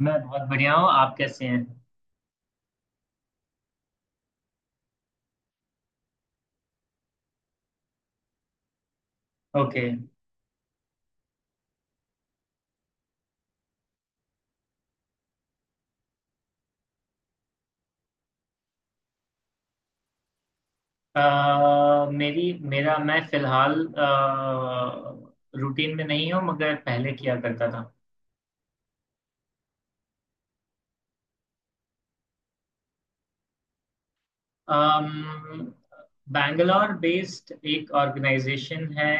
मैं बहुत बढ़िया हूँ। आप कैसे हैं? ओके। मेरी मेरा मैं फिलहाल रूटीन में नहीं हूँ मगर पहले किया करता था। अम बैंगलोर बेस्ड एक ऑर्गेनाइजेशन है,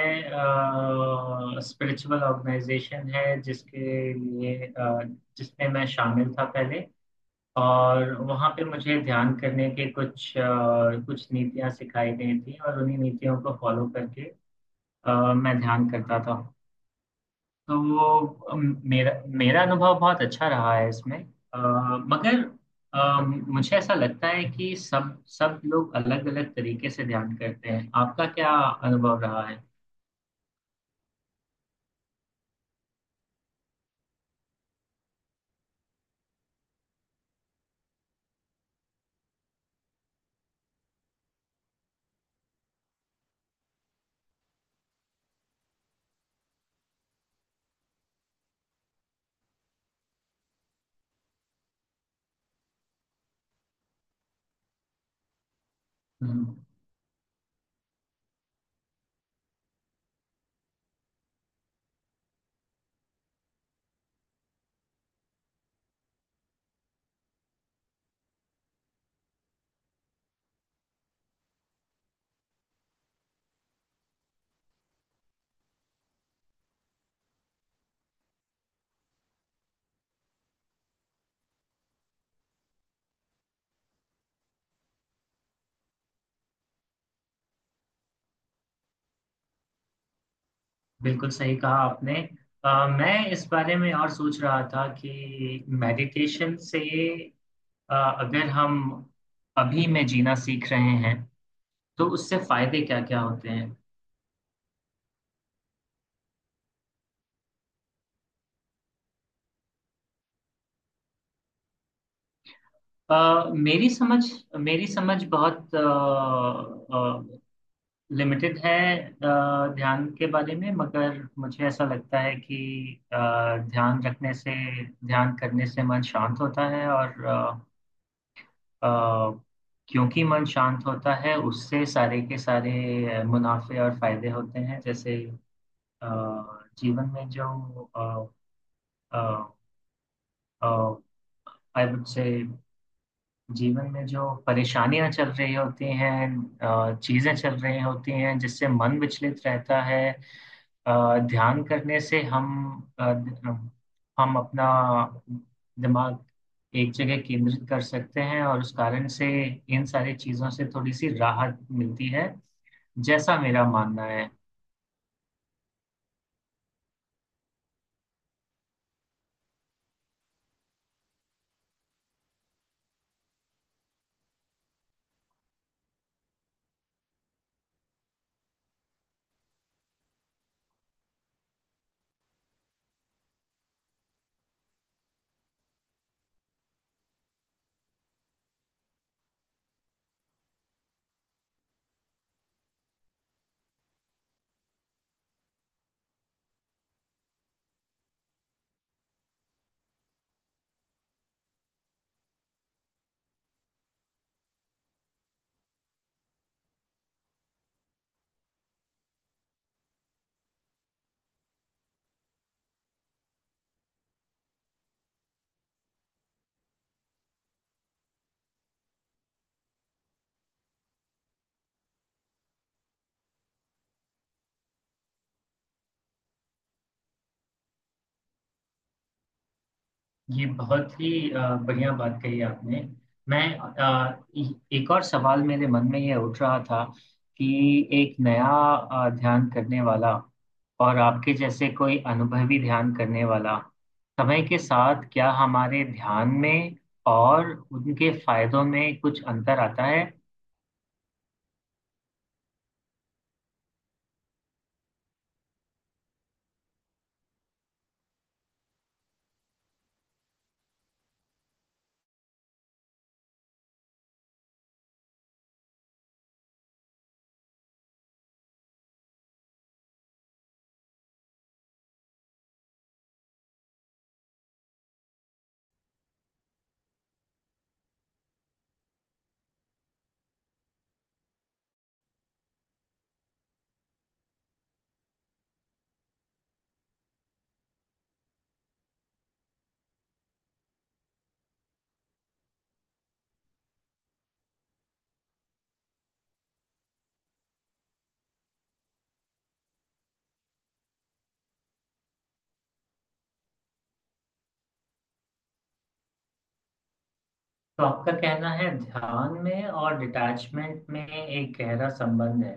स्पिरिचुअल ऑर्गेनाइजेशन है, जिसमें मैं शामिल था पहले। और वहाँ पे मुझे ध्यान करने के कुछ नीतियाँ सिखाई गई थी, और उन्हीं नीतियों को फॉलो करके मैं ध्यान करता था। तो वो मेरा मेरा अनुभव बहुत अच्छा रहा है इसमें, अ, मगर मुझे ऐसा लगता है कि सब सब लोग अलग अलग तरीके से ध्यान करते हैं। आपका क्या अनुभव रहा है? हम्म, बिल्कुल सही कहा आपने। मैं इस बारे में और सोच रहा था कि अ, अगर हम अभी में जीना सीख रहे हैं तो उससे फायदे क्या क्या होते हैं? अ, मेरी समझ मेरी समझ बहुत अ, लिमिटेड है ध्यान के बारे में, मगर मुझे ऐसा लगता है कि अ, ध्यान रखने से ध्यान करने से मन शांत होता है, और अ, क्योंकि मन शांत होता है उससे सारे के सारे मुनाफे और फायदे होते हैं। जैसे अ, जीवन में जो आई वुड से जीवन में जो परेशानियां चल रही होती हैं, चीजें चल रही होती हैं जिससे मन विचलित रहता है, ध्यान करने से अ, ध- हम अपना दिमाग एक जगह केंद्रित कर सकते हैं, और उस कारण से इन सारी चीजों से थोड़ी सी राहत मिलती है। जैसा मेरा मानना है। ये बहुत ही बढ़िया बात कही आपने। मैं अ, ए- एक और सवाल मेरे मन में ये उठ रहा था कि एक नया ध्यान करने वाला, और आपके जैसे कोई अनुभवी ध्यान करने वाला, समय के साथ क्या हमारे ध्यान में और उनके फायदों में कुछ अंतर आता है? तो आपका कहना है ध्यान में और डिटैचमेंट में एक गहरा संबंध है।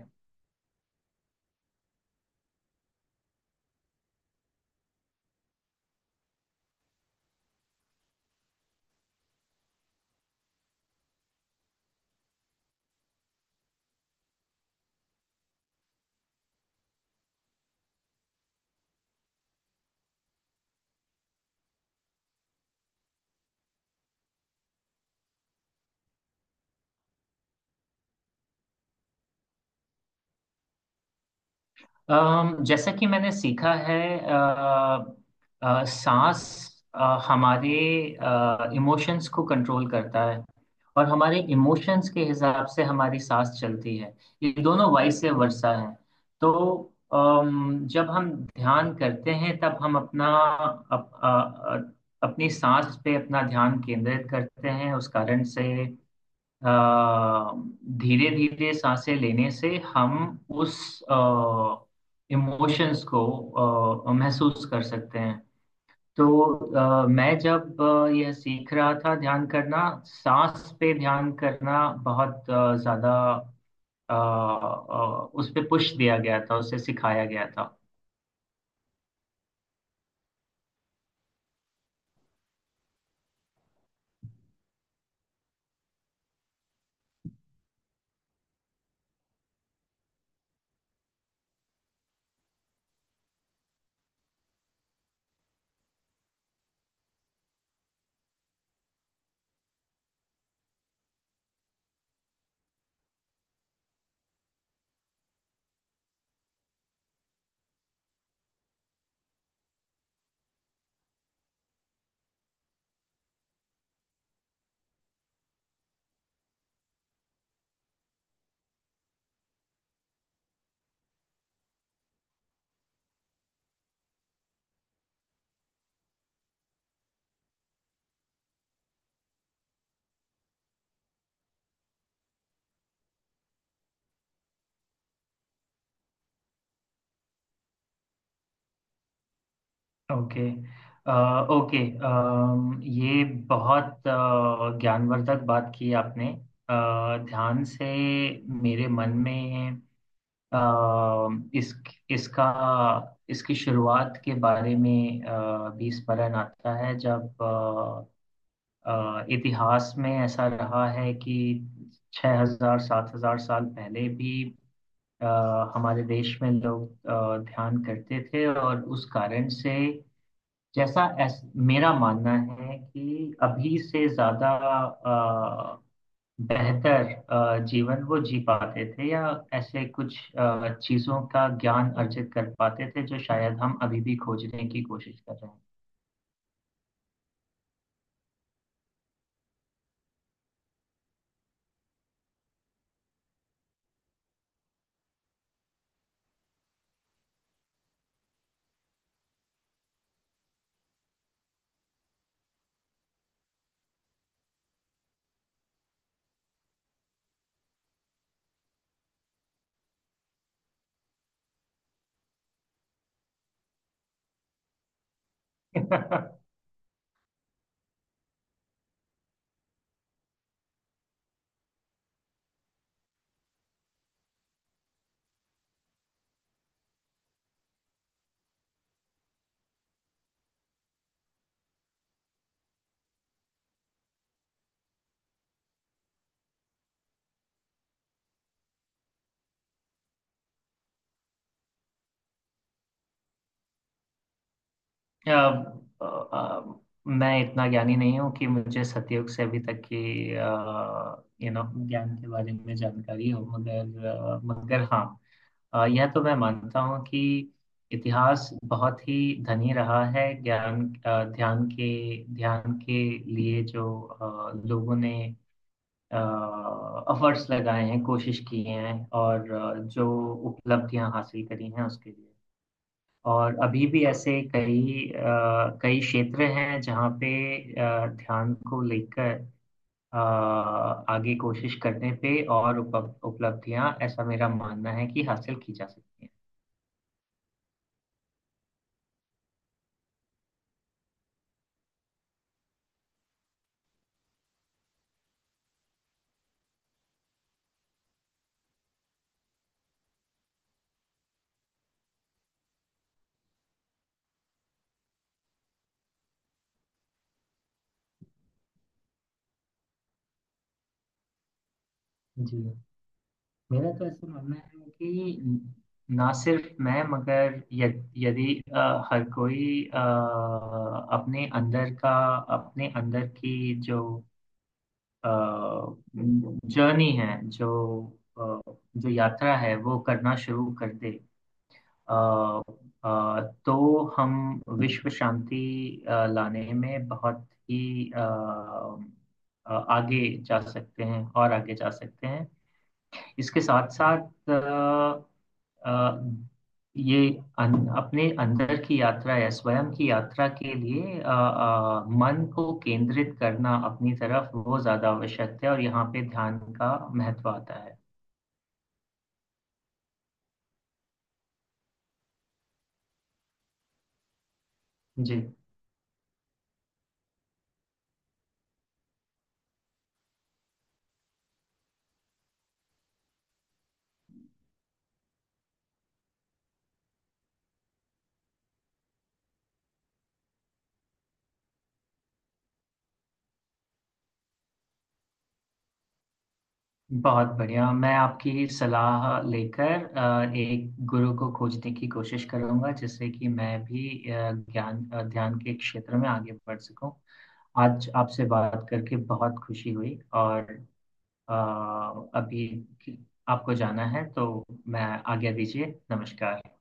अम, जैसा कि मैंने सीखा है, सांस अ, हमारे इमोशंस को कंट्रोल करता है, और हमारे इमोशंस के हिसाब से हमारी सांस चलती है। ये दोनों वाइस वर्सा है। तो, जब हम ध्यान करते हैं तब हम अपना अप, अ, अ, अपनी सांस पे अपना ध्यान केंद्रित करते हैं। उस कारण से धीरे धीरे सांसें लेने से हम उस इमोशंस को महसूस कर सकते हैं। तो, मैं जब यह सीख रहा था, ध्यान करना, सांस पे ध्यान करना बहुत ज्यादा उस पे पुश दिया गया था, उसे सिखाया गया था। ओके। ओके। अम, ये बहुत ज्ञानवर्धक बात की आपने। ध्यान से मेरे मन में अ, इस इसका इसकी शुरुआत के बारे में भी स्मरण आता है। जब इतिहास में ऐसा रहा है कि छः हजार सात हजार साल पहले भी अ, हमारे देश में लोग ध्यान करते थे, और उस कारण से, मेरा मानना है कि अभी से ज्यादा अ, बेहतर जीवन वो जी पाते थे, या ऐसे कुछ चीजों का ज्ञान अर्जित कर पाते थे जो शायद हम अभी भी खोजने की कोशिश कर रहे हैं। अ, अ, मैं इतना ज्ञानी नहीं हूँ कि मुझे सतयुग से अभी तक की ज्ञान के बारे में जानकारी हो, मगर हाँ, यह तो मैं मानता हूँ कि इतिहास बहुत ही धनी रहा है। ज्ञान अ, ध्यान के लिए जो लोगों ने एफर्ट्स लगाए हैं, कोशिश की हैं, और जो उपलब्धियां हासिल करी हैं उसके लिए। और अभी भी ऐसे कई क्षेत्र हैं जहाँ पे ध्यान को लेकर आगे कोशिश करने पे और उपलब्धियां ऐसा मेरा मानना है कि हासिल की जा सकती हैं। जी। मेरा तो ऐसा मानना है कि ना सिर्फ मैं, यदि हर कोई अपने अंदर का, अपने अंदर की जो जर्नी है जो अ, जो यात्रा है वो करना शुरू कर दे, अ, तो हम विश्व शांति लाने में बहुत ही आगे जा सकते हैं और आगे जा सकते हैं। इसके साथ साथ आ, आ, ये अपने अंदर की यात्रा या स्वयं की यात्रा के लिए मन को केंद्रित करना अपनी तरफ वो ज्यादा आवश्यक है, और यहाँ पे ध्यान का महत्व आता है। जी। बहुत बढ़िया। मैं आपकी सलाह लेकर एक गुरु को खोजने की कोशिश करूंगा, जिससे कि मैं भी ध्यान के क्षेत्र में आगे बढ़ सकूं। आज आपसे बात करके बहुत खुशी हुई। और अ, अभी आपको जाना है तो मैं आज्ञा दीजिए। नमस्कार।